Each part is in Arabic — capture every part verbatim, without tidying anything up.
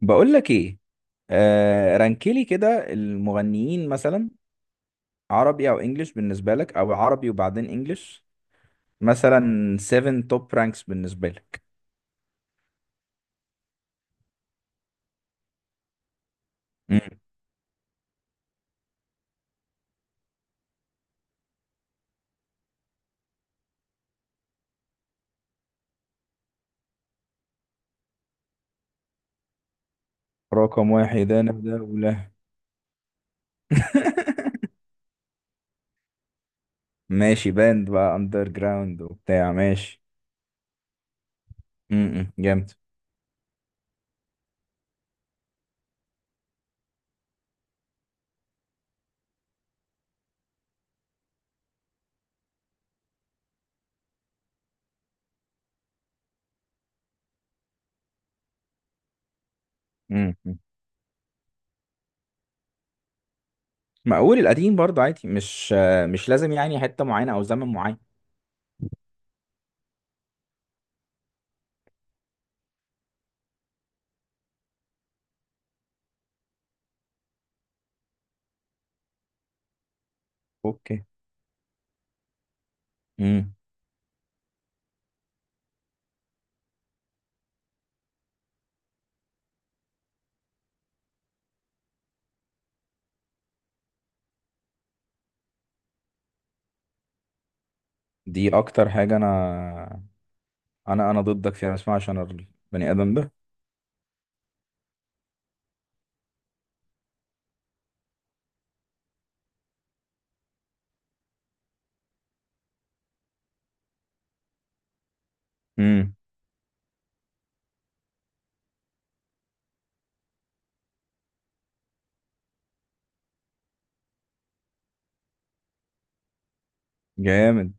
بقول لك ايه؟ آه رانكلي كده المغنيين مثلا، عربي او انجليش بالنسبه لك، او عربي وبعدين انجليش؟ مثلا سبعة توب رانكس بالنسبه لك. مم. رقم واحد انا ده ولا؟ ماشي، باند بقى اندر جراوند وبتاع، ماشي. امم جامد. امم مقول القديم برضه عادي، مش آه، مش لازم يعني حته معينه او زمن معين. اوكي. امم. دي اكتر حاجه انا انا انا ضدك فيها اسمها، عشان البني ادم ده جامد.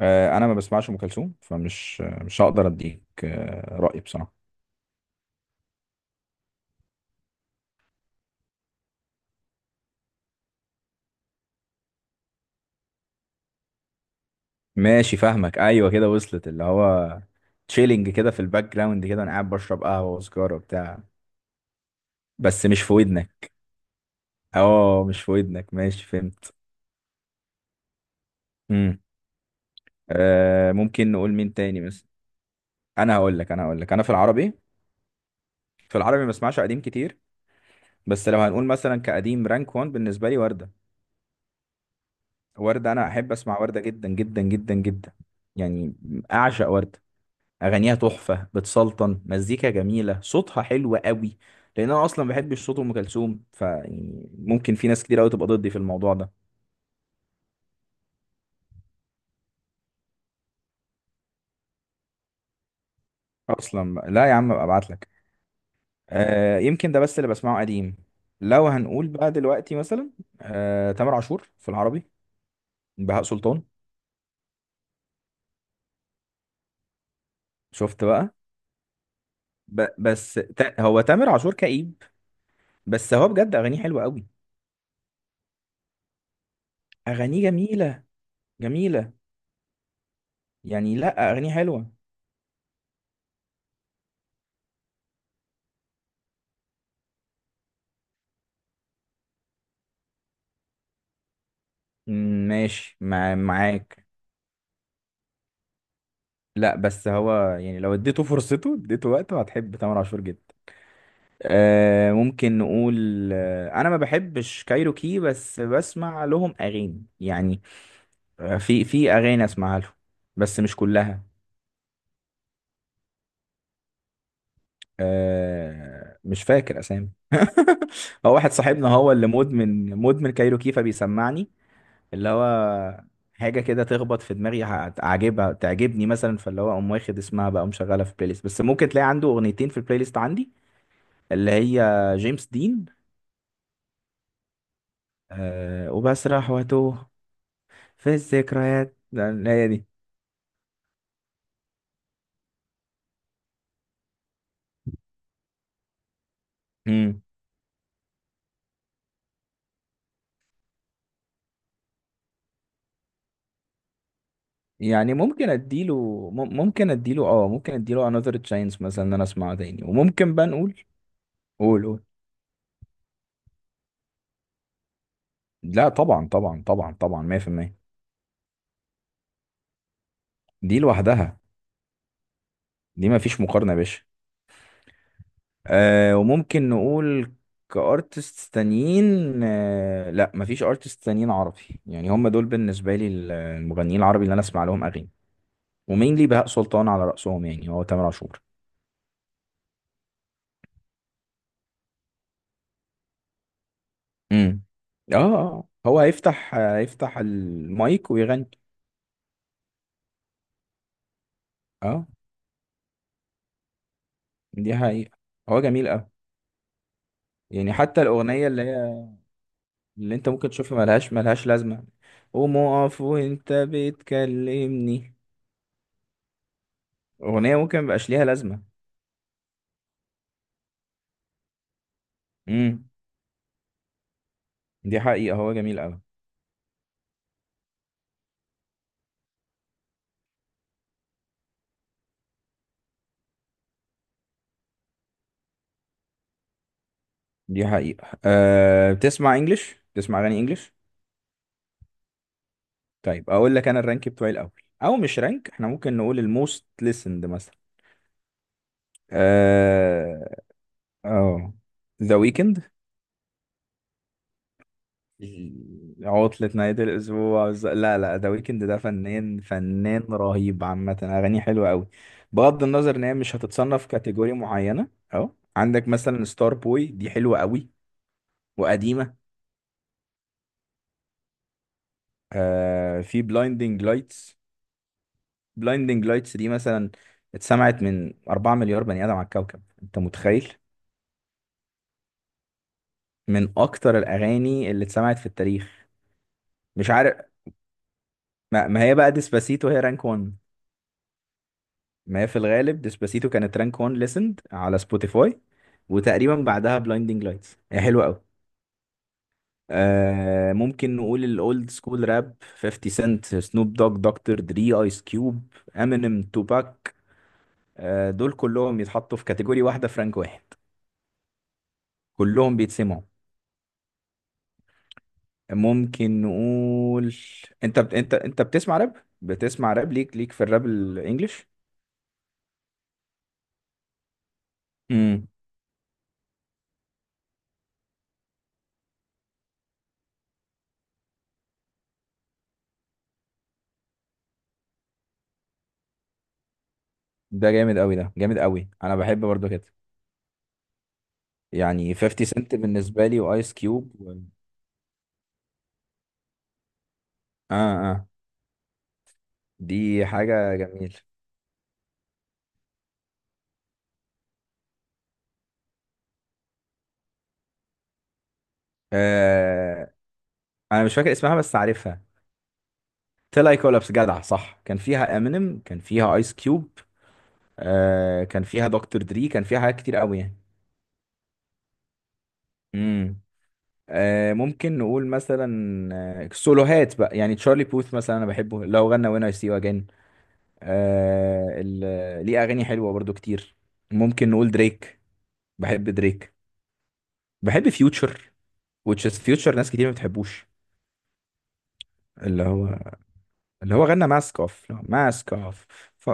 آه، انا ما بسمعش ام كلثوم، فمش مش هقدر اديك آه، رايي بصراحه. ماشي فاهمك، ايوه كده وصلت، اللي هو تشيلنج كده في الباك جراوند، كده انا قاعد بشرب قهوه وسجاره وبتاع، بس مش في ودنك. اه مش في ودنك، ماشي فهمت. امم. آه ممكن نقول مين تاني مثلا. انا هقول لك انا هقول لك انا في العربي، في العربي ما بسمعش قديم كتير. بس لو هنقول مثلا كقديم، رانك واحد بالنسبه لي ورده. ورده انا احب اسمع ورده جدا جدا جدا جدا يعني، اعشق ورده. اغانيها تحفه، بتسلطن، مزيكا جميله، صوتها حلو قوي. لان انا اصلا ما بحبش صوت ام كلثوم، فيعني ممكن في ناس كتير قوي تبقى ضدي في الموضوع ده اصلا بقى. لا يا عم ابقى ابعت لك. آه يمكن ده بس اللي بسمعه قديم. لو هنقول بقى دلوقتي مثلا، آه تامر عاشور في العربي، بهاء سلطان. شفت بقى. ب بس تا هو تامر عاشور كئيب، بس هو بجد اغانيه حلوه قوي. اغانيه جميله، جميله، يعني لا اغانيه حلوه. مم، ماشي مع معاك. لا بس هو يعني لو اديته فرصته، اديته وقته، هتحب تامر عاشور جدا. آه ممكن نقول، آه انا ما بحبش كايروكي بس بسمع لهم اغاني يعني. آه في في اغاني اسمعها لهم، بس مش كلها. آه مش فاكر اسامي. هو واحد صاحبنا هو اللي مدمن مدمن كايروكي، فبيسمعني اللي هو حاجه كده تخبط في دماغي، هتعجبها تعجبني مثلا، فاللي هو اقوم واخد اسمها بقى ومشغلها في بلاي ليست. بس ممكن تلاقي عنده اغنيتين في البلاي ليست عندي، اللي هي جيمس دين، أه وبسرح واتوه في الذكريات ده- اللي هي دي. مم. يعني ممكن اديله، مم- ممكن اديله، اه ممكن اديله another chance مثلا، ان انا اسمعه تاني. وممكن بقى نقول، قول قول. لا طبعا طبعا طبعا طبعا، مية في المية. دي لوحدها، دي ما فيش مقارنة يا باشا. أه وممكن نقول كارتست تانيين. أه لا ما فيش ارتست تانيين عربي يعني، هم دول بالنسبة لي المغنيين العربي اللي انا اسمع لهم اغاني. ومينلي بهاء سلطان على رأسهم، يعني هو تامر عاشور. امم. اه آه. هو هيفتح هيفتح المايك ويغني. اه دي حقيقة، هو جميل قوي. يعني حتى الأغنية اللي هي، اللي انت ممكن تشوفها ملهاش ملهاش لازمة، قوم اقف وانت بتكلمني، أغنية ممكن مبقاش ليها لازمة. امم. دي حقيقة هو جميل قوي. دي حقيقة. أه بتسمع انجلش، بتسمع اغاني انجلش؟ طيب اقول لك انا الرانك بتوعي الاول، او مش رانك، احنا ممكن نقول الموست listened مثلا. آه، اه ذا ويكند. عطلة نهاية الأسبوع ز- لا لا، ذا ويكند ده فنان، فنان رهيب عامة، أغانيه حلوة أوي، بغض النظر إن هي مش هتتصنف كاتيجوري معينة. أه عندك مثلا ستار بوي، دي حلوة أوي وقديمة. آه في بلايندينج لايتس. بلايندينج لايتس دي مثلا اتسمعت من أربعة مليار بني آدم على الكوكب، أنت متخيل؟ من أكتر الأغاني اللي اتسمعت في التاريخ. مش عارف، ما, ما هي بقى ديسباسيتو هي رانك واحد. ما هي في الغالب ديسباسيتو كانت رانك واحد ليسند على سبوتيفاي، وتقريبا بعدها بلايندينج لايتس، هي حلوه قوي. آه ممكن نقول الاولد سكول راب، فيفتي سنت، سنوب دوج، دكتور دري، ايس كيوب، امينيم، توباك. آه دول كلهم يتحطوا في كاتيجوري واحده في رانك واحد، كلهم بيتسمعوا. ممكن نقول، انت بت... انت انت بتسمع راب؟ بتسمع راب، ليك ليك في الراب الانجليش. امم. ده جامد قوي، ده جامد قوي، انا بحب برضو كده يعني. فيفتي سنت بالنسبة لي وايس كيوب و... اه اه دي حاجة جميلة. آه انا مش فاكر اسمها بس عارفها، تيل اي كولابس، جدع صح، كان فيها امينيم، كان فيها ايس كيوب، آه كان فيها دكتور دري، كان فيها حاجات كتير قوي يعني. امم. آه ممكن نقول مثلا، آه، سولوهات بقى، يعني تشارلي بوث مثلا انا بحبه، لو غنى وين اي سي يو اجين، ليه اغاني حلوة برضو كتير. ممكن نقول دريك، بحب دريك. بحب فيوتشر، which is future، ناس كتير ما بتحبوش. اللي هو، اللي هو غنى ماسك اوف، ماسك اوف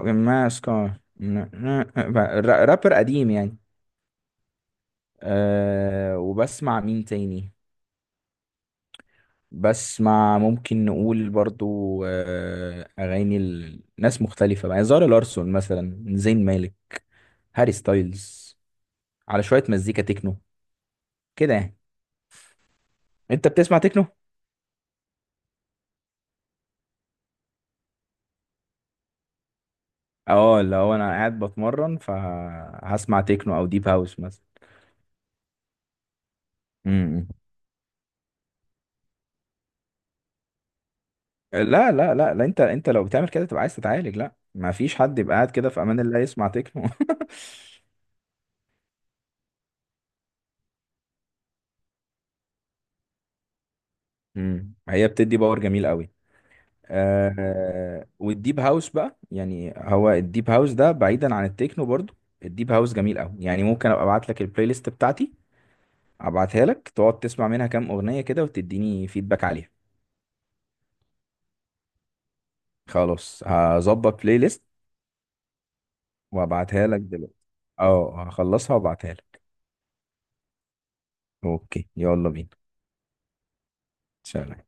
ماسك اوف رابر قديم يعني. أه وبسمع مين تاني، بسمع، ممكن نقول برضو، أه أغاني ال- ناس مختلفة بقى يعني، زارا لارسون مثلا، زين مالك، هاري ستايلز، على شوية مزيكا تكنو كده يعني. انت بتسمع تكنو؟ اه اللي هو انا قاعد بتمرن، فهسمع تكنو او ديب هاوس مثلا. امم. لا لا لا لا، انت انت لو بتعمل كده تبقى عايز تتعالج، لا ما فيش حد يبقى قاعد كده في امان الله يسمع تكنو. مم. هي بتدي باور جميل قوي. آه والديب هاوس بقى يعني، هو الديب هاوس ده بعيدا عن التكنو برضو، الديب هاوس جميل قوي يعني. ممكن ابقى ابعت لك البلاي ليست بتاعتي، ابعتها لك تقعد تسمع منها كام اغنية كده، وتديني فيدباك عليها. خلاص هظبط بلاي ليست وابعتها لك دلوقتي. اه هخلصها وابعتها لك. اوكي، يلا بينا. سلام.